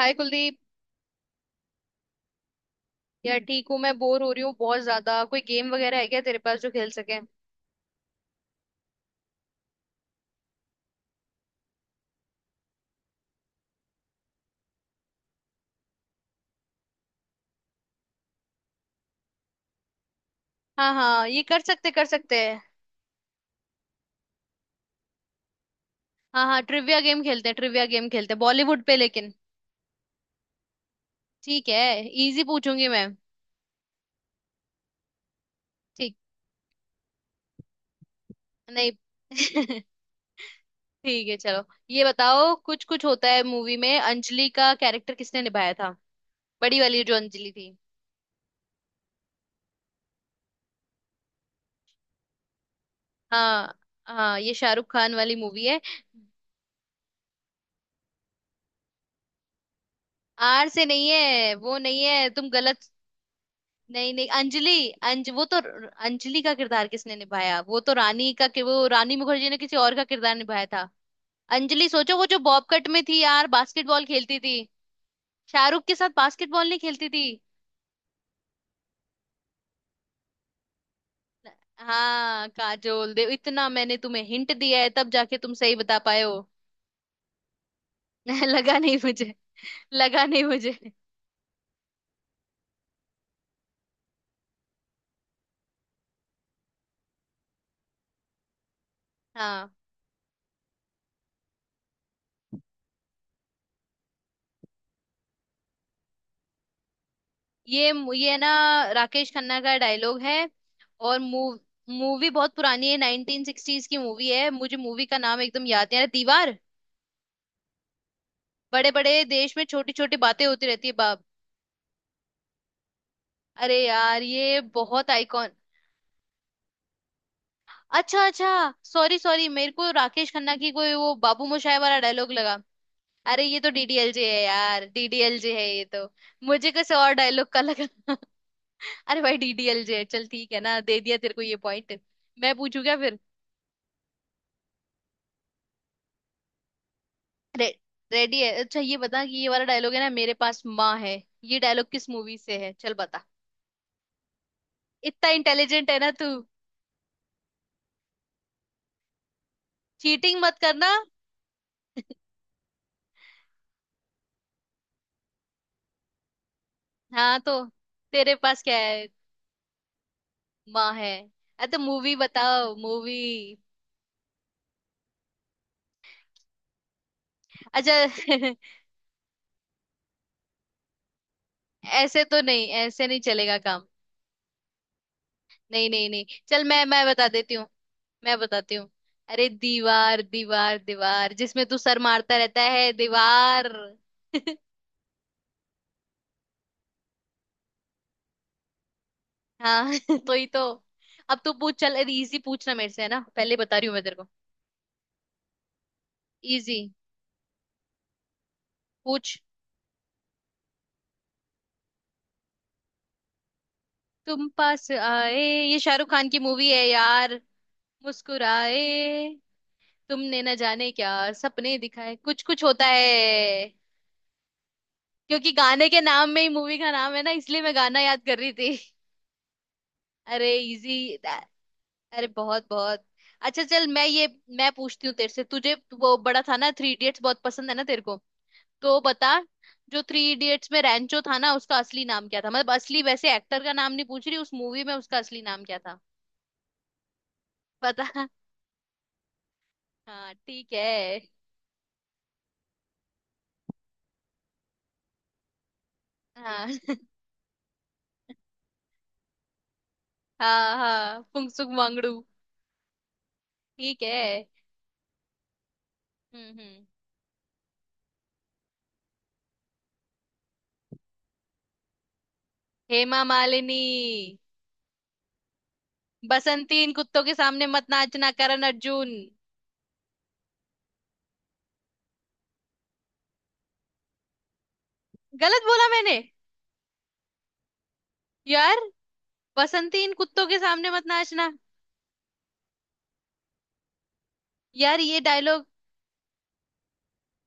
हाय कुलदीप। यार ठीक हूँ, मैं बोर हो रही हूँ बहुत ज्यादा। कोई गेम वगैरह है क्या तेरे पास जो खेल सके? हाँ हाँ, ये कर सकते हैं। हाँ हाँ, ट्रिविया गेम खेलते हैं। ट्रिविया गेम खेलते हैं बॉलीवुड पे, लेकिन ठीक है। इजी पूछूंगी मैं। ठीक। नहीं ठीक है, चलो। ये बताओ, कुछ कुछ होता है मूवी में अंजलि का कैरेक्टर किसने निभाया था? बड़ी वाली जो अंजलि थी। हाँ हाँ, ये शाहरुख खान वाली मूवी है। आर से नहीं है, वो नहीं है, तुम गलत। नहीं नहीं, अंजलि। अंज वो तो अंजलि का किरदार किसने निभाया, वो तो रानी का, कि वो रानी मुखर्जी ने किसी और का किरदार निभाया था। अंजलि सोचो, वो जो बॉब कट में थी यार, बास्केटबॉल खेलती थी। शाहरुख के साथ बास्केटबॉल नहीं खेलती थी? हाँ, काजोल देव। इतना मैंने तुम्हें हिंट दिया है तब जाके तुम सही बता पाए हो। लगा नहीं मुझे। लगा नहीं मुझे। हाँ, ये ये ना राकेश खन्ना का डायलॉग है। और मूवी बहुत पुरानी है, 1960s की मूवी है। मुझे मूवी का नाम एकदम याद नहीं आ रहा, दीवार। बड़े बड़े देश में छोटी छोटी बातें होती रहती है, बाप। अरे यार, ये बहुत आइकॉन। अच्छा अच्छा, सॉरी सॉरी, मेरे को राकेश खन्ना की कोई वो बाबू मोशाय वाला डायलॉग लगा। अरे ये तो डीडीएलजे है यार, डीडीएलजे है ये तो। मुझे किसी और डायलॉग का लगा अरे भाई, डीडीएलजे है। चल ठीक है ना, दे दिया तेरे को ये पॉइंट। मैं पूछू क्या फिर? रे, रेडी है। अच्छा ये बता कि ये वाला डायलॉग है ना, मेरे पास माँ है, ये डायलॉग किस मूवी से है, चल बता। इतना इंटेलिजेंट है ना तू। चीटिंग मत करना। हाँ तो, तेरे पास क्या है? माँ है। अरे तो मूवी बताओ, मूवी। अच्छा ऐसे तो नहीं, ऐसे नहीं चलेगा काम। नहीं नहीं नहीं, चल मैं बता देती हूँ। मैं बताती हूँ। अरे दीवार दीवार दीवार, जिसमें तू सर मारता रहता है, दीवार। हाँ तो ही तो। अब तू पूछ, चल इजी पूछना मेरे से है ना, पहले बता रही हूँ मैं तेरे को। इजी पूछ। तुम पास आए, ये शाहरुख खान की मूवी है यार। मुस्कुराए, तुमने न जाने क्या सपने दिखाए, कुछ कुछ होता है। क्योंकि गाने के नाम में ही मूवी का नाम है ना, इसलिए मैं गाना याद कर रही थी। अरे इजी। अरे बहुत बहुत। अच्छा चल, मैं पूछती हूँ तेरे से, तुझे वो बड़ा था ना 3 इडियट्स बहुत पसंद है ना तेरे को, तो बता। जो 3 इडियट्स में रैंचो था ना, उसका असली नाम क्या था? मतलब असली, वैसे एक्टर का नाम नहीं पूछ रही, उस मूवी में उसका असली नाम क्या था? पता। हाँ ठीक है। हाँ हाँ हाँ, फुंसुक वांगडू। ठीक है। हम्म। हेमा मालिनी। बसंती इन कुत्तों के सामने मत नाचना, करण अर्जुन। गलत बोला मैंने? यार, बसंती इन कुत्तों के सामने मत नाचना। यार ये डायलॉग,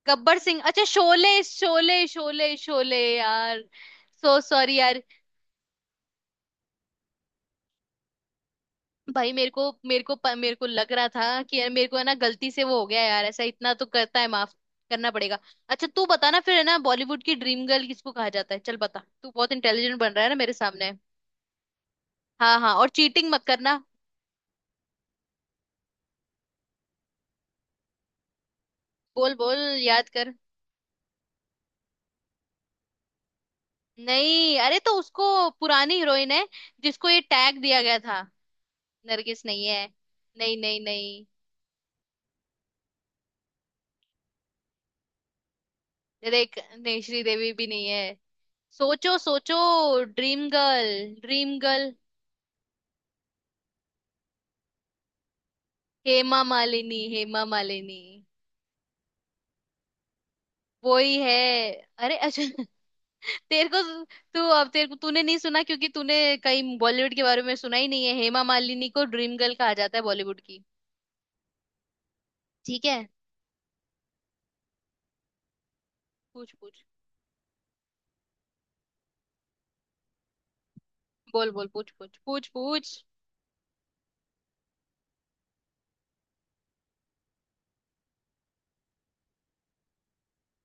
गब्बर सिंह। अच्छा, शोले शोले शोले शोले यार। सो सॉरी यार। भाई, मेरे को लग रहा था कि यार, मेरे को है ना गलती से वो हो गया यार, ऐसा इतना तो करता है, माफ करना पड़ेगा। अच्छा तू बता ना फिर, है ना, बॉलीवुड की ड्रीम गर्ल किसको कहा जाता है? चल बता, तू बहुत इंटेलिजेंट बन रहा है ना मेरे सामने। हाँ हाँ, और चीटिंग मत करना। बोल बोल, याद कर। नहीं, अरे तो उसको पुरानी हीरोइन है, जिसको ये टैग दिया गया था। नरगिस नहीं है। नहीं नहीं नहीं। देख नहीं, श्रीदेवी भी नहीं है। सोचो सोचो, dream girl dream girl. Hema Malini, Hema Malini. वो ही है। अरे अच्छा तेरे को, तू अब तेरे को, तूने नहीं सुना क्योंकि तूने कहीं बॉलीवुड के बारे में सुना ही नहीं है। हेमा मालिनी को ड्रीम गर्ल कहा जाता है बॉलीवुड की। ठीक है। पूछ पूछ। बोल बोल, पूछ पूछ पूछ पूछ।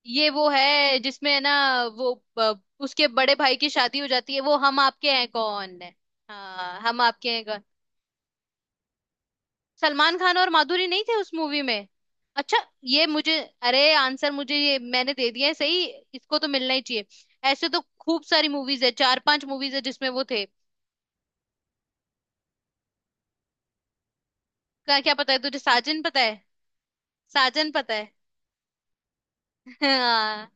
ये वो है जिसमें है ना, वो उसके बड़े भाई की शादी हो जाती है, वो हम आपके हैं कौन है। हाँ, हम आपके हैं। सलमान खान और माधुरी नहीं थे उस मूवी में? अच्छा। ये मुझे, अरे आंसर मुझे ये मैंने दे दिया है सही, इसको तो मिलना ही चाहिए। ऐसे तो खूब सारी मूवीज है, चार पांच मूवीज है जिसमें वो थे। क्या क्या पता है तुझे? साजन पता है? साजन पता है। हाँ।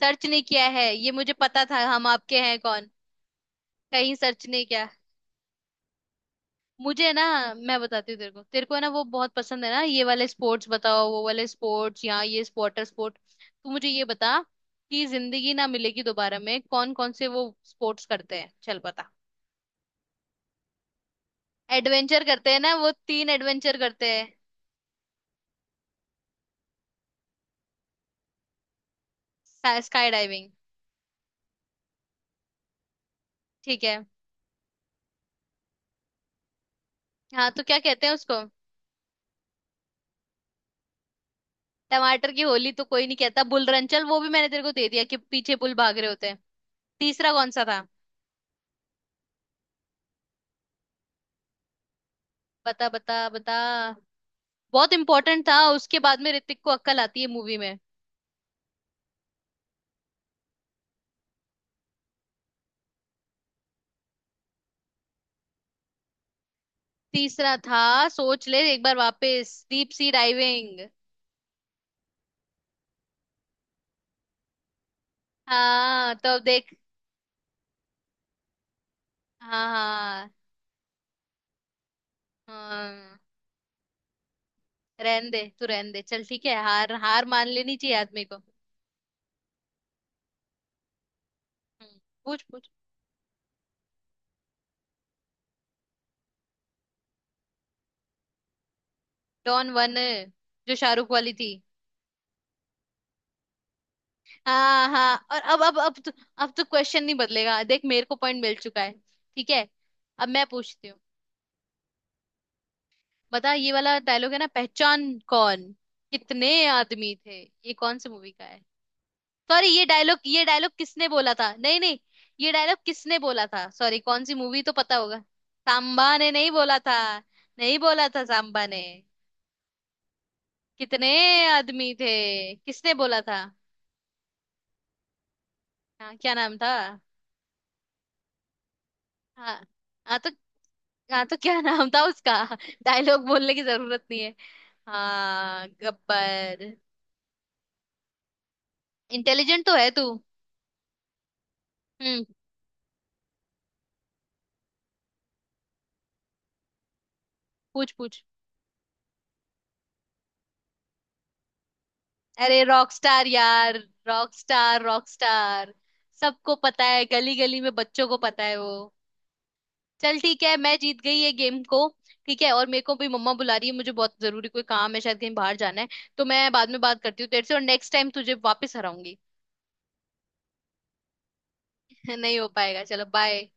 सर्च नहीं किया है, ये मुझे पता था, हम आपके हैं कौन। कहीं सर्च नहीं किया। मुझे ना, मैं बताती हूँ तेरे को, तेरे को है ना वो बहुत पसंद है ना ये वाले स्पोर्ट्स बताओ, वो वाले स्पोर्ट्स या ये वाटर स्पोर्ट। तू मुझे ये बता कि जिंदगी ना मिलेगी दोबारा में कौन कौन से वो स्पोर्ट्स करते हैं, चल बता। एडवेंचर करते हैं ना वो, तीन एडवेंचर करते हैं। Sky diving. ठीक है। हाँ तो क्या कहते हैं उसको? टमाटर की होली तो कोई नहीं कहता, बुल रन। चल वो भी मैंने तेरे को दे दिया, कि पीछे बुल भाग रहे होते हैं। तीसरा कौन सा था? बता बता बता, बहुत इंपॉर्टेंट था, उसके बाद में ऋतिक को अक्कल आती है मूवी में। तीसरा था, सोच ले एक बार वापस, डीप सी डाइविंग। हाँ तो अब देख। हाँ हाँ हाँ, रहन दे तू, रहन दे। चल ठीक है, हार हार मान लेनी चाहिए आदमी को। हम्म, पूछ पूछ। डॉन वन, जो शाहरुख वाली थी। हाँ हाँ, और अब तो, अब तो क्वेश्चन नहीं बदलेगा, देख मेरे को पॉइंट मिल चुका है। ठीक है, अब मैं पूछती हूँ। बता, ये वाला डायलॉग है ना, पहचान कौन, कितने आदमी थे, ये कौन सी मूवी का है? सॉरी, ये डायलॉग किसने बोला था? नहीं नहीं, ये डायलॉग किसने बोला था सॉरी, कौन सी मूवी तो पता होगा। सांबा ने नहीं बोला था, नहीं बोला था सांबा ने, कितने आदमी थे, किसने बोला था? हाँ क्या नाम था? हाँ, हाँ तो हाँ तो क्या नाम था उसका? डायलॉग बोलने की जरूरत नहीं है। हाँ गब्बर। इंटेलिजेंट तो है तू। हम्म, पूछ पूछ। अरे रॉकस्टार यार। रॉकस्टार। रॉकस्टार। सबको पता है गली गली में, बच्चों को पता है वो। चल ठीक है, मैं जीत गई ये गेम को। ठीक है, और मेरे को भी मम्मा बुला रही है, मुझे बहुत जरूरी कोई काम है शायद, कहीं बाहर जाना है। तो मैं बाद में बात करती हूँ तेरे से, और नेक्स्ट टाइम तुझे वापस हराऊंगी। नहीं हो पाएगा, चलो बाय।